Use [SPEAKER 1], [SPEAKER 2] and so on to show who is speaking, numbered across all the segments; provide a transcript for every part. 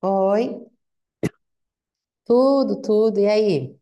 [SPEAKER 1] Oi. Tudo, tudo. E aí?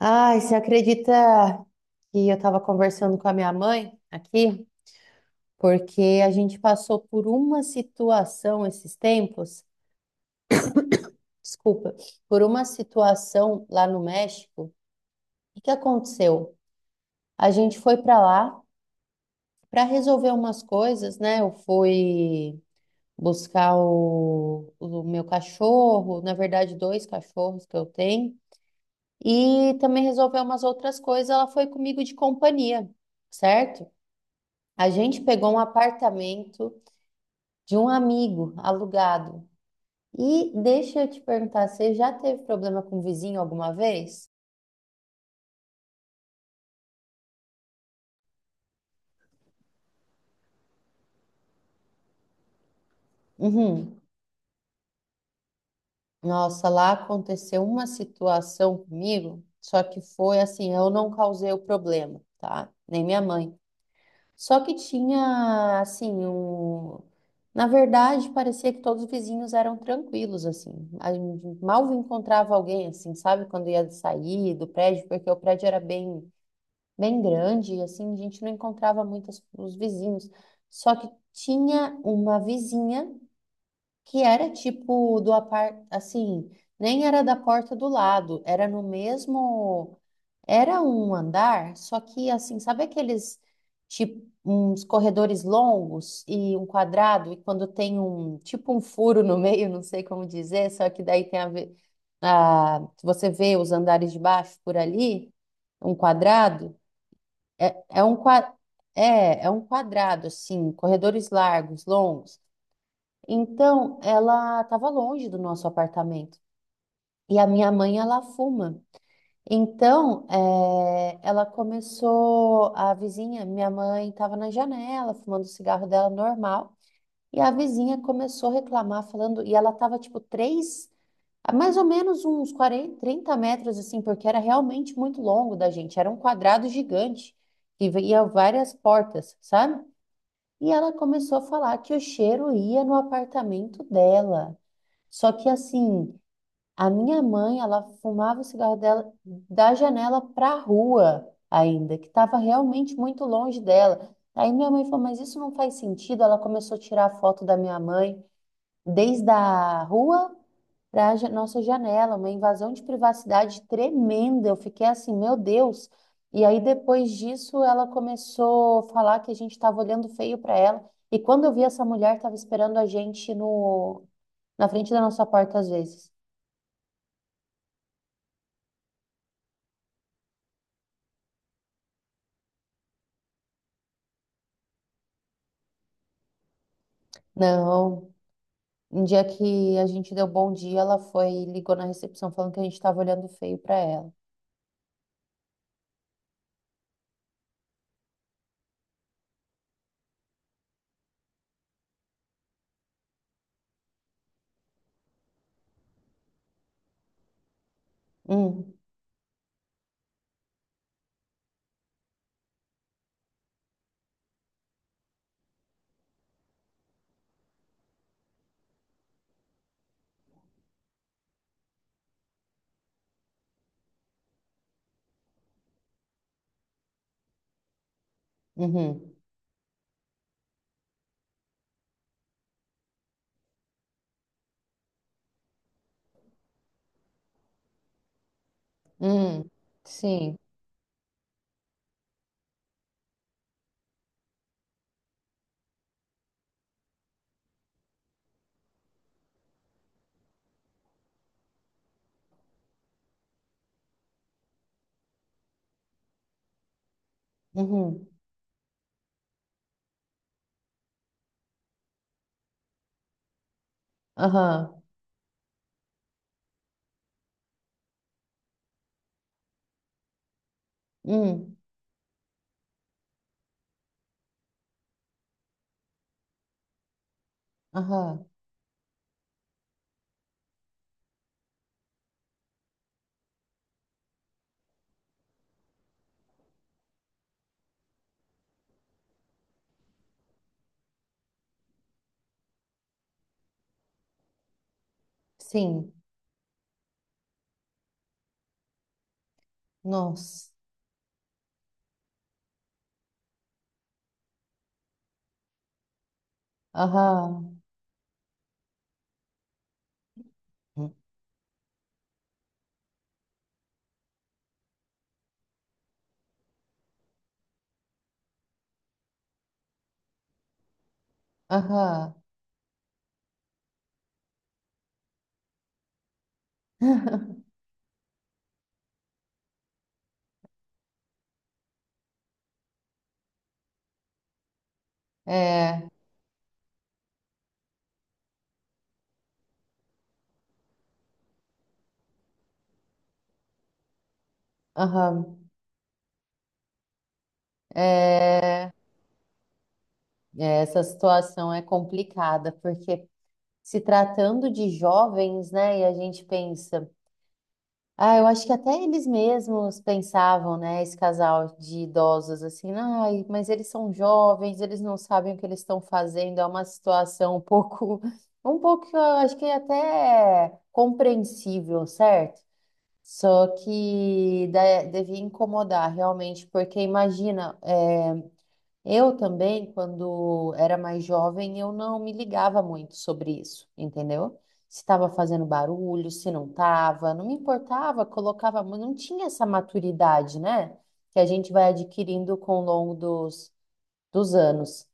[SPEAKER 1] Ai, você acredita que eu estava conversando com a minha mãe aqui? Porque a gente passou por uma situação esses tempos, desculpa, por uma situação lá no México. O que aconteceu? A gente foi para lá para resolver umas coisas, né? Eu fui buscar o meu cachorro, na verdade, dois cachorros que eu tenho. E também resolveu umas outras coisas. Ela foi comigo de companhia, certo? A gente pegou um apartamento de um amigo alugado. E deixa eu te perguntar, você já teve problema com o vizinho alguma vez? Uhum. Nossa, lá aconteceu uma situação comigo, só que foi assim, eu não causei o problema, tá? Nem minha mãe. Só que tinha, assim, um... Na verdade, parecia que todos os vizinhos eram tranquilos, assim. A gente mal encontrava alguém, assim, sabe? Quando ia sair do prédio, porque o prédio era bem, bem grande, e assim, a gente não encontrava muitos os vizinhos. Só que tinha uma vizinha que era tipo do apart, assim, nem era da porta do lado, era no mesmo, era um andar, só que assim, sabe aqueles tipo uns corredores longos e um quadrado e quando tem um tipo um furo no meio, não sei como dizer, só que daí tem a ver, você vê os andares de baixo por ali, um quadrado. é, é um qua- É, é um quadrado, assim, corredores largos, longos. Então, ela estava longe do nosso apartamento. E a minha mãe, ela fuma. Então, ela começou, a vizinha, minha mãe estava na janela, fumando o cigarro dela normal. E a vizinha começou a reclamar, falando, e ela estava a mais ou menos uns 40, 30 metros assim, porque era realmente muito longo da gente. Era um quadrado gigante, que ia várias portas, sabe? E ela começou a falar que o cheiro ia no apartamento dela. Só que assim, a minha mãe, ela fumava o cigarro dela da janela para a rua ainda, que estava realmente muito longe dela. Aí minha mãe falou, mas isso não faz sentido. Ela começou a tirar foto da minha mãe desde a rua para a nossa janela, uma invasão de privacidade tremenda. Eu fiquei assim, meu Deus. E aí depois disso, ela começou a falar que a gente estava olhando feio para ela. E quando eu vi essa mulher, estava esperando a gente no, na frente da nossa porta às vezes. Não. Um dia que a gente deu bom dia, ela foi e ligou na recepção falando que a gente estava olhando feio para ela. Hum. Uhum. Hum. Sim. Uhum. Aham. Hum. Aham. Sim. Nossa. Aham. Aham. É. Aham. É, é, essa situação é complicada, porque se tratando de jovens, né, e a gente pensa. Ah, eu acho que até eles mesmos pensavam, né, esse casal de idosos, assim, ai, mas eles são jovens, eles não sabem o que eles estão fazendo, é uma situação um pouco, um pouco, eu acho que é até compreensível, certo? Só que devia incomodar realmente, porque imagina, eu também, quando era mais jovem, eu não me ligava muito sobre isso, entendeu? Se estava fazendo barulho, se não estava, não me importava, colocava, não tinha essa maturidade, né? Que a gente vai adquirindo com o longo dos anos.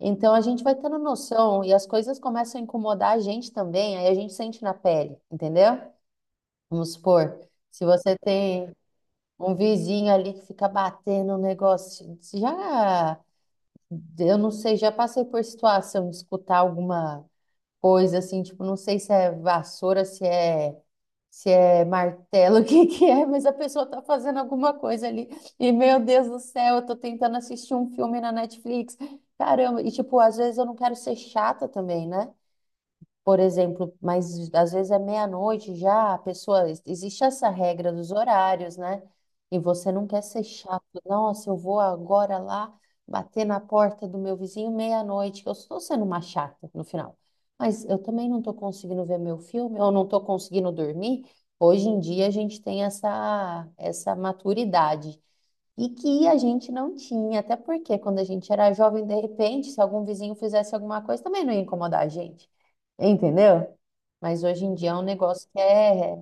[SPEAKER 1] Então a gente vai tendo noção e as coisas começam a incomodar a gente também, aí a gente sente na pele, entendeu? Vamos supor, se você tem um vizinho ali que fica batendo um negócio, já. Eu não sei, já passei por situação de escutar alguma coisa assim, tipo, não sei se é vassoura, se é martelo, o que que é, mas a pessoa tá fazendo alguma coisa ali. E meu Deus do céu, eu tô tentando assistir um filme na Netflix. Caramba, e tipo, às vezes eu não quero ser chata também, né? Por exemplo, mas às vezes é meia-noite já, a pessoa, existe essa regra dos horários, né? E você não quer ser chato. Nossa, eu vou agora lá bater na porta do meu vizinho meia-noite, que eu estou sendo uma chata no final. Mas eu também não estou conseguindo ver meu filme, ou não estou conseguindo dormir. Hoje em dia a gente tem essa maturidade e que a gente não tinha, até porque quando a gente era jovem, de repente, se algum vizinho fizesse alguma coisa, também não ia incomodar a gente, entendeu? Mas hoje em dia é um negócio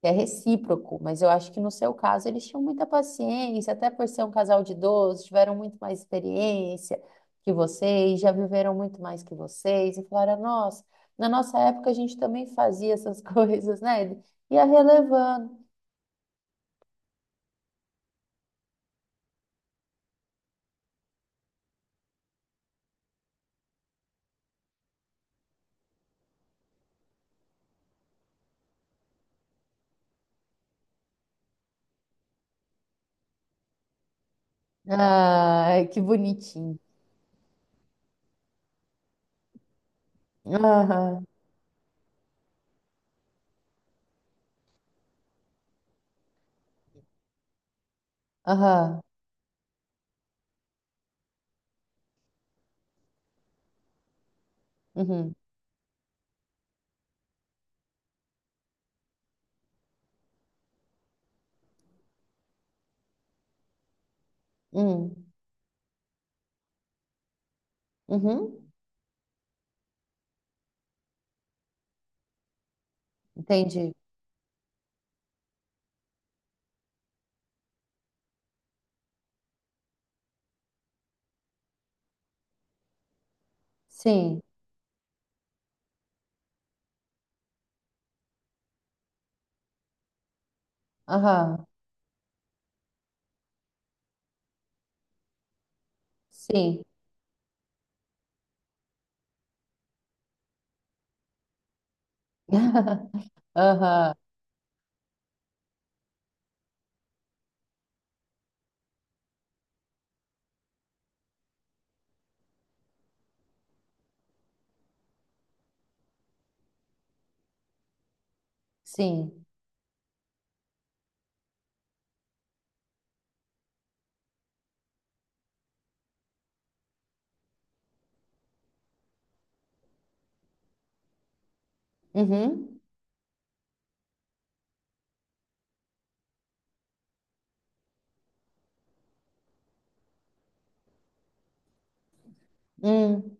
[SPEAKER 1] que é recíproco. Mas eu acho que no seu caso eles tinham muita paciência, até por ser um casal de idosos, tiveram muito mais experiência que vocês, já viveram muito mais que vocês, e falaram: nossa, na nossa época a gente também fazia essas coisas, né? E ia relevando. Ai, que bonitinho. Aham. Aham. Uhum. Uhum. Uhum. Entendi. Sim. Aham. Sim. Aham. Sim. Uhum. Hum.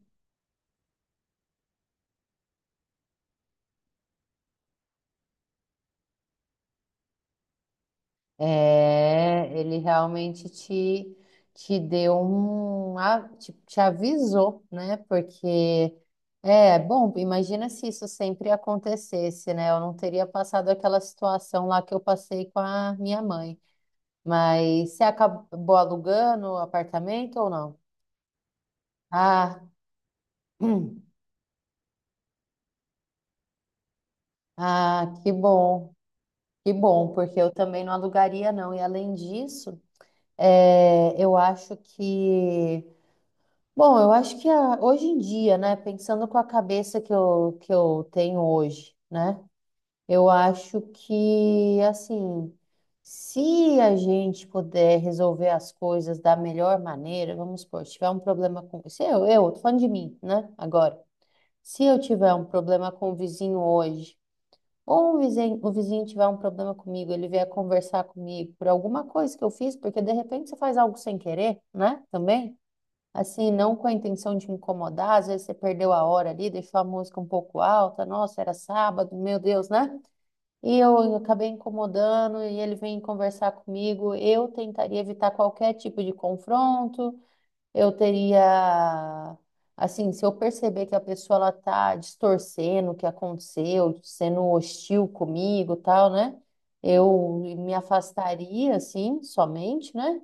[SPEAKER 1] É, ele realmente te deu um, te avisou, né? Porque é bom, imagina se isso sempre acontecesse, né? Eu não teria passado aquela situação lá que eu passei com a minha mãe. Mas você acabou alugando o apartamento ou não? Ah, hum. Ah, que bom, porque eu também não alugaria, não. E além disso, é, eu acho que, bom, eu acho que hoje em dia, né, pensando com a cabeça que eu tenho hoje, né, eu acho que, assim, se a gente puder resolver as coisas da melhor maneira, vamos supor, se tiver um problema com, se eu, tô falando de mim, né, agora, se eu tiver um problema com o vizinho hoje. Ou o vizinho tiver um problema comigo, ele vier conversar comigo por alguma coisa que eu fiz, porque de repente você faz algo sem querer, né? Também. Assim, não com a intenção de incomodar, às vezes você perdeu a hora ali, deixou a música um pouco alta, nossa, era sábado, meu Deus, né? E eu acabei incomodando e ele vem conversar comigo. Eu tentaria evitar qualquer tipo de confronto, eu teria, assim, se eu perceber que a pessoa ela tá distorcendo o que aconteceu, sendo hostil comigo, e tal, né? Eu me afastaria, assim, somente, né?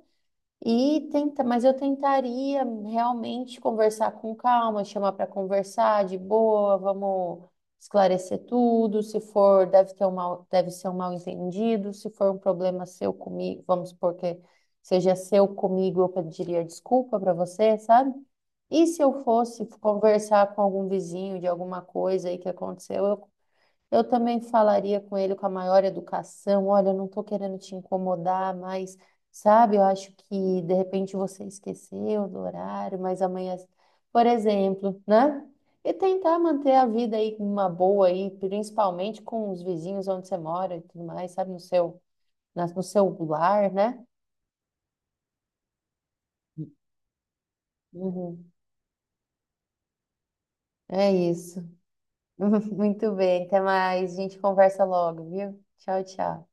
[SPEAKER 1] E tenta, mas eu tentaria realmente conversar com calma, chamar para conversar de boa, vamos esclarecer tudo. Se for, deve ter um mal, deve ser um mal-entendido. Se for um problema seu comigo, vamos supor que seja seu comigo, eu pediria desculpa para você, sabe? E se eu fosse conversar com algum vizinho de alguma coisa aí que aconteceu, eu também falaria com ele com a maior educação. Olha, eu não estou querendo te incomodar, mas sabe, eu acho que de repente você esqueceu do horário, mas amanhã, por exemplo, né? E tentar manter a vida aí uma boa aí, principalmente com os vizinhos onde você mora e tudo mais, sabe, no seu, no seu lar, né? Uhum. É isso. Muito bem, até mais. A gente conversa logo, viu? Tchau, tchau.